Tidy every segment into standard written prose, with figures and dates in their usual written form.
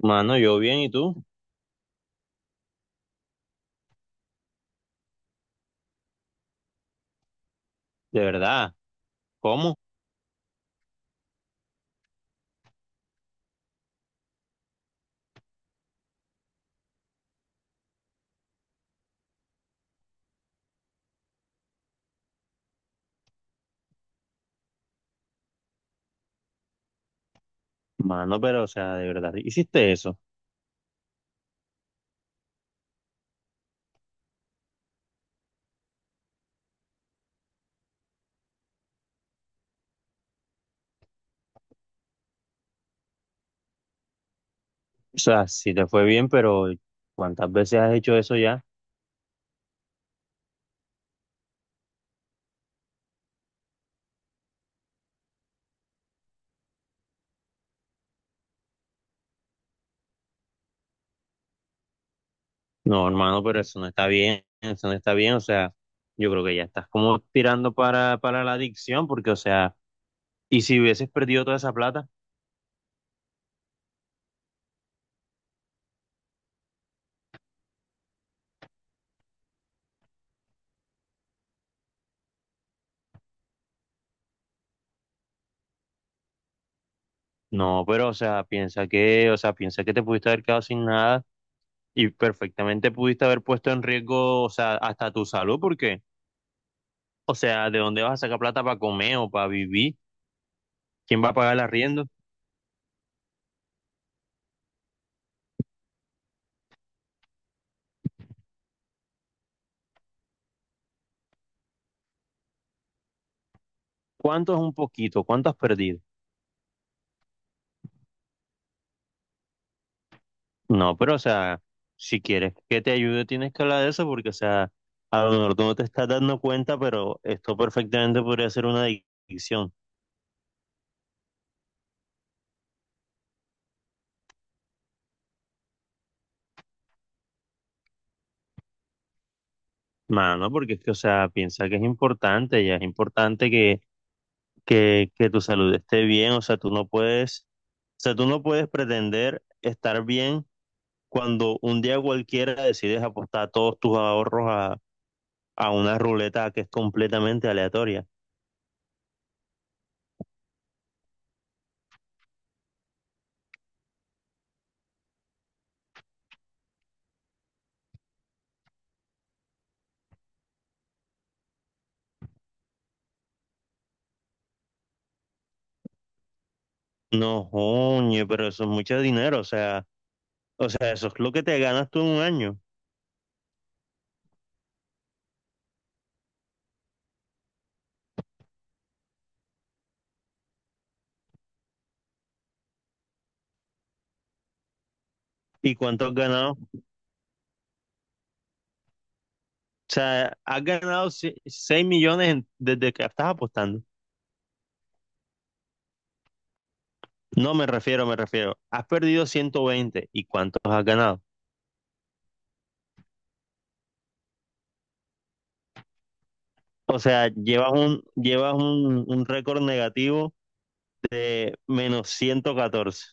Mano, yo bien, ¿y tú? ¿De verdad? ¿Cómo? Mano, pero, o sea, de verdad, ¿hiciste eso? O sea, sí te fue bien, pero ¿cuántas veces has hecho eso ya? No, hermano, pero eso no está bien, eso no está bien, o sea, yo creo que ya estás como tirando para la adicción, porque, o sea, ¿y si hubieses perdido toda esa plata? No, pero, o sea, piensa que, o sea, piensa que te pudiste haber quedado sin nada y perfectamente pudiste haber puesto en riesgo, o sea, hasta tu salud, porque, o sea, ¿de dónde vas a sacar plata para comer o para vivir? ¿Quién va a pagar el arriendo? ¿Cuánto es un poquito? ¿Cuánto has perdido? No, pero o sea, si quieres que te ayude, tienes que hablar de eso porque, o sea, a lo mejor tú no te estás dando cuenta, pero esto perfectamente podría ser una adicción. Mano, porque es que, o sea, piensa que es importante, ya es importante que tu salud esté bien, o sea, tú no puedes, o sea, tú no puedes pretender estar bien cuando un día cualquiera decides apostar todos tus ahorros a una ruleta que es completamente aleatoria. No, oye, pero eso es mucho dinero, o sea, eso es lo que te ganas tú en un año. ¿Y cuánto has ganado? O sea, has ganado 6 millones desde que estás apostando. No me refiero, Me refiero, has perdido 120. ¿Y cuántos has ganado? O sea, llevas un récord negativo de menos 114.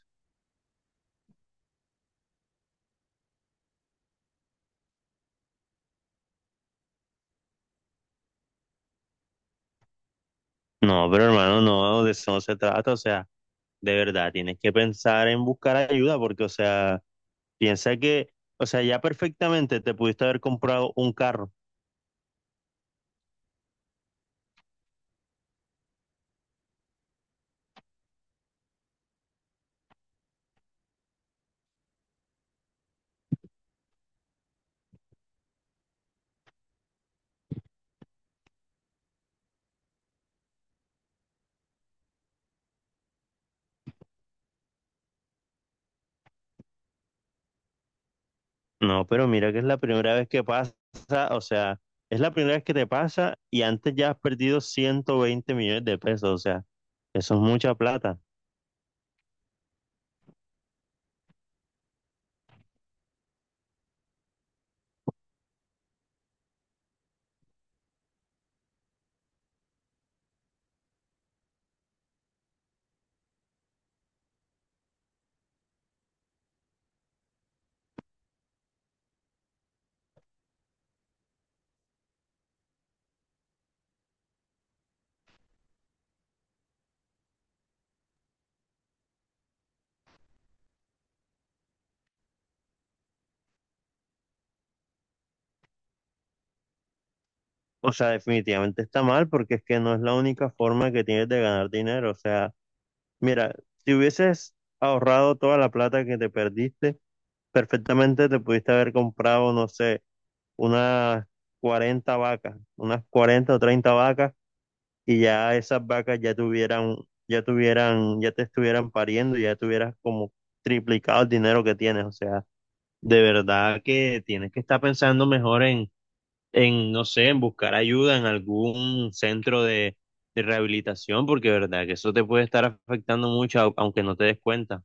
No, pero hermano, no, de eso no se trata. O sea, de verdad, tienes que pensar en buscar ayuda porque, o sea, piensa que, o sea, ya perfectamente te pudiste haber comprado un carro. No, pero mira que es la primera vez que pasa, o sea, es la primera vez que te pasa y antes ya has perdido 120 millones de pesos. O sea, eso es mucha plata. O sea, definitivamente está mal porque es que no es la única forma que tienes de ganar dinero. O sea, mira, si hubieses ahorrado toda la plata que te perdiste, perfectamente te pudiste haber comprado, no sé, unas 40 vacas, unas 40 o 30 vacas y ya esas vacas ya tuvieran, ya tuvieran, ya te estuvieran pariendo y ya tuvieras como triplicado el dinero que tienes. O sea, de verdad que tienes que estar pensando mejor en no sé, en buscar ayuda en algún centro de rehabilitación, porque de verdad que eso te puede estar afectando mucho, aunque no te des cuenta.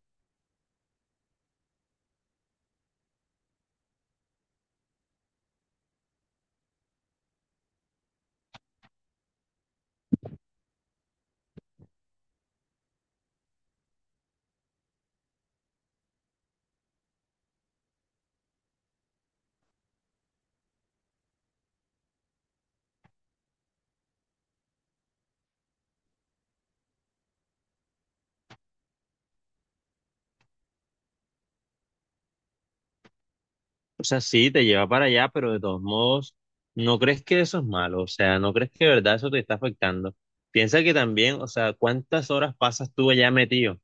O sea, sí, te lleva para allá, pero de todos modos, ¿no crees que eso es malo? O sea, ¿no crees que de verdad eso te está afectando? Piensa que también, o sea, ¿cuántas horas pasas tú allá metido?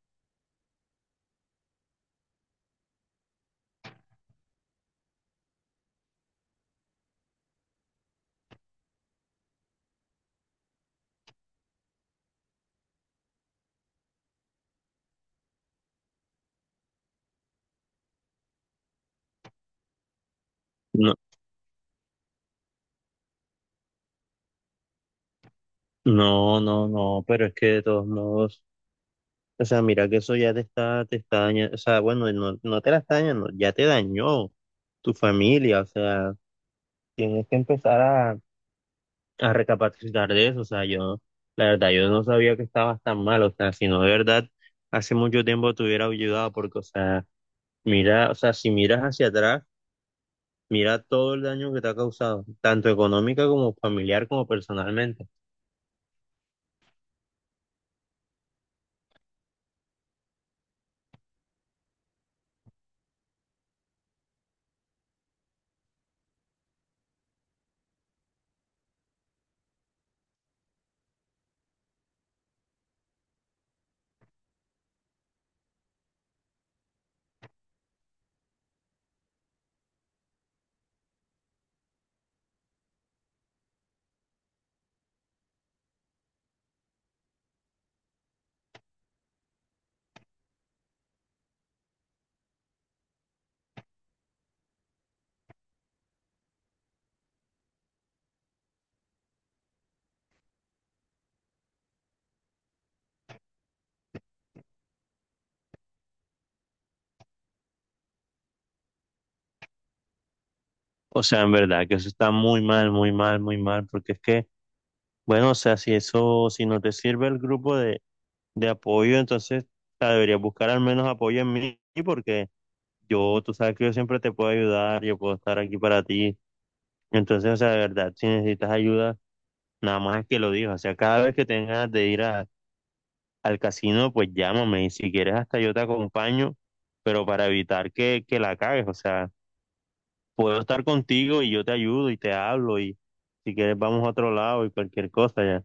No, no, no, no, pero es que de todos modos, o sea, mira que eso ya te está dañando, o sea, bueno, no, no te la está dañando, ya te dañó tu familia, o sea, tienes que empezar a recapacitar de eso, o sea, yo, la verdad, yo no sabía que estabas tan mal, o sea, si no, de verdad, hace mucho tiempo te hubiera ayudado, porque, o sea, mira, o sea, si miras hacia atrás, mira todo el daño que te ha causado, tanto económica como familiar como personalmente. O sea, en verdad, que eso está muy mal, muy mal, muy mal, porque es que, bueno, o sea, si eso, si no te sirve el grupo de apoyo, entonces, o sea, deberías buscar al menos apoyo en mí, porque yo, tú sabes que yo siempre te puedo ayudar, yo puedo estar aquí para ti. Entonces, o sea, de verdad, si necesitas ayuda, nada más es que lo digas. O sea, cada vez que tengas de ir al casino, pues llámame y si quieres hasta yo te acompaño, pero para evitar que la cagues. O sea, puedo estar contigo y yo te ayudo y te hablo y si quieres vamos a otro lado y cualquier cosa ya.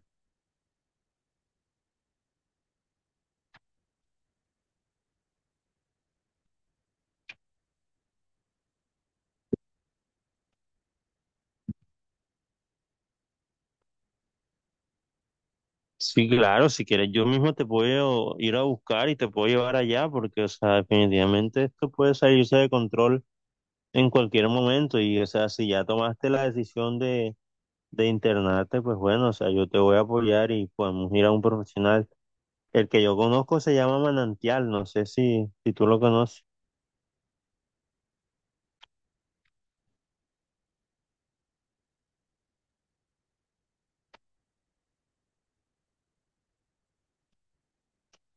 Sí, claro, si quieres yo mismo te puedo ir a buscar y te puedo llevar allá porque, o sea, definitivamente esto puede salirse de control en cualquier momento y, o sea, si ya tomaste la decisión de internarte, pues bueno, o sea, yo te voy a apoyar y podemos ir a un profesional. El que yo conozco se llama Manantial, no sé si, si tú lo conoces.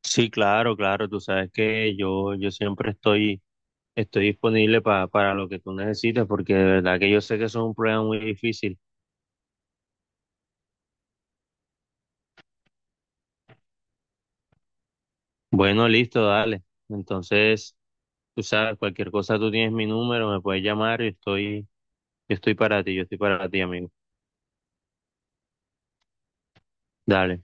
Sí, claro, claro, tú sabes que yo siempre estoy, estoy disponible para lo que tú necesites, porque de verdad que yo sé que eso es un problema muy difícil. Bueno, listo, dale. Entonces, tú sabes, cualquier cosa tú tienes mi número, me puedes llamar, yo estoy para ti, yo estoy para ti, amigo. Dale.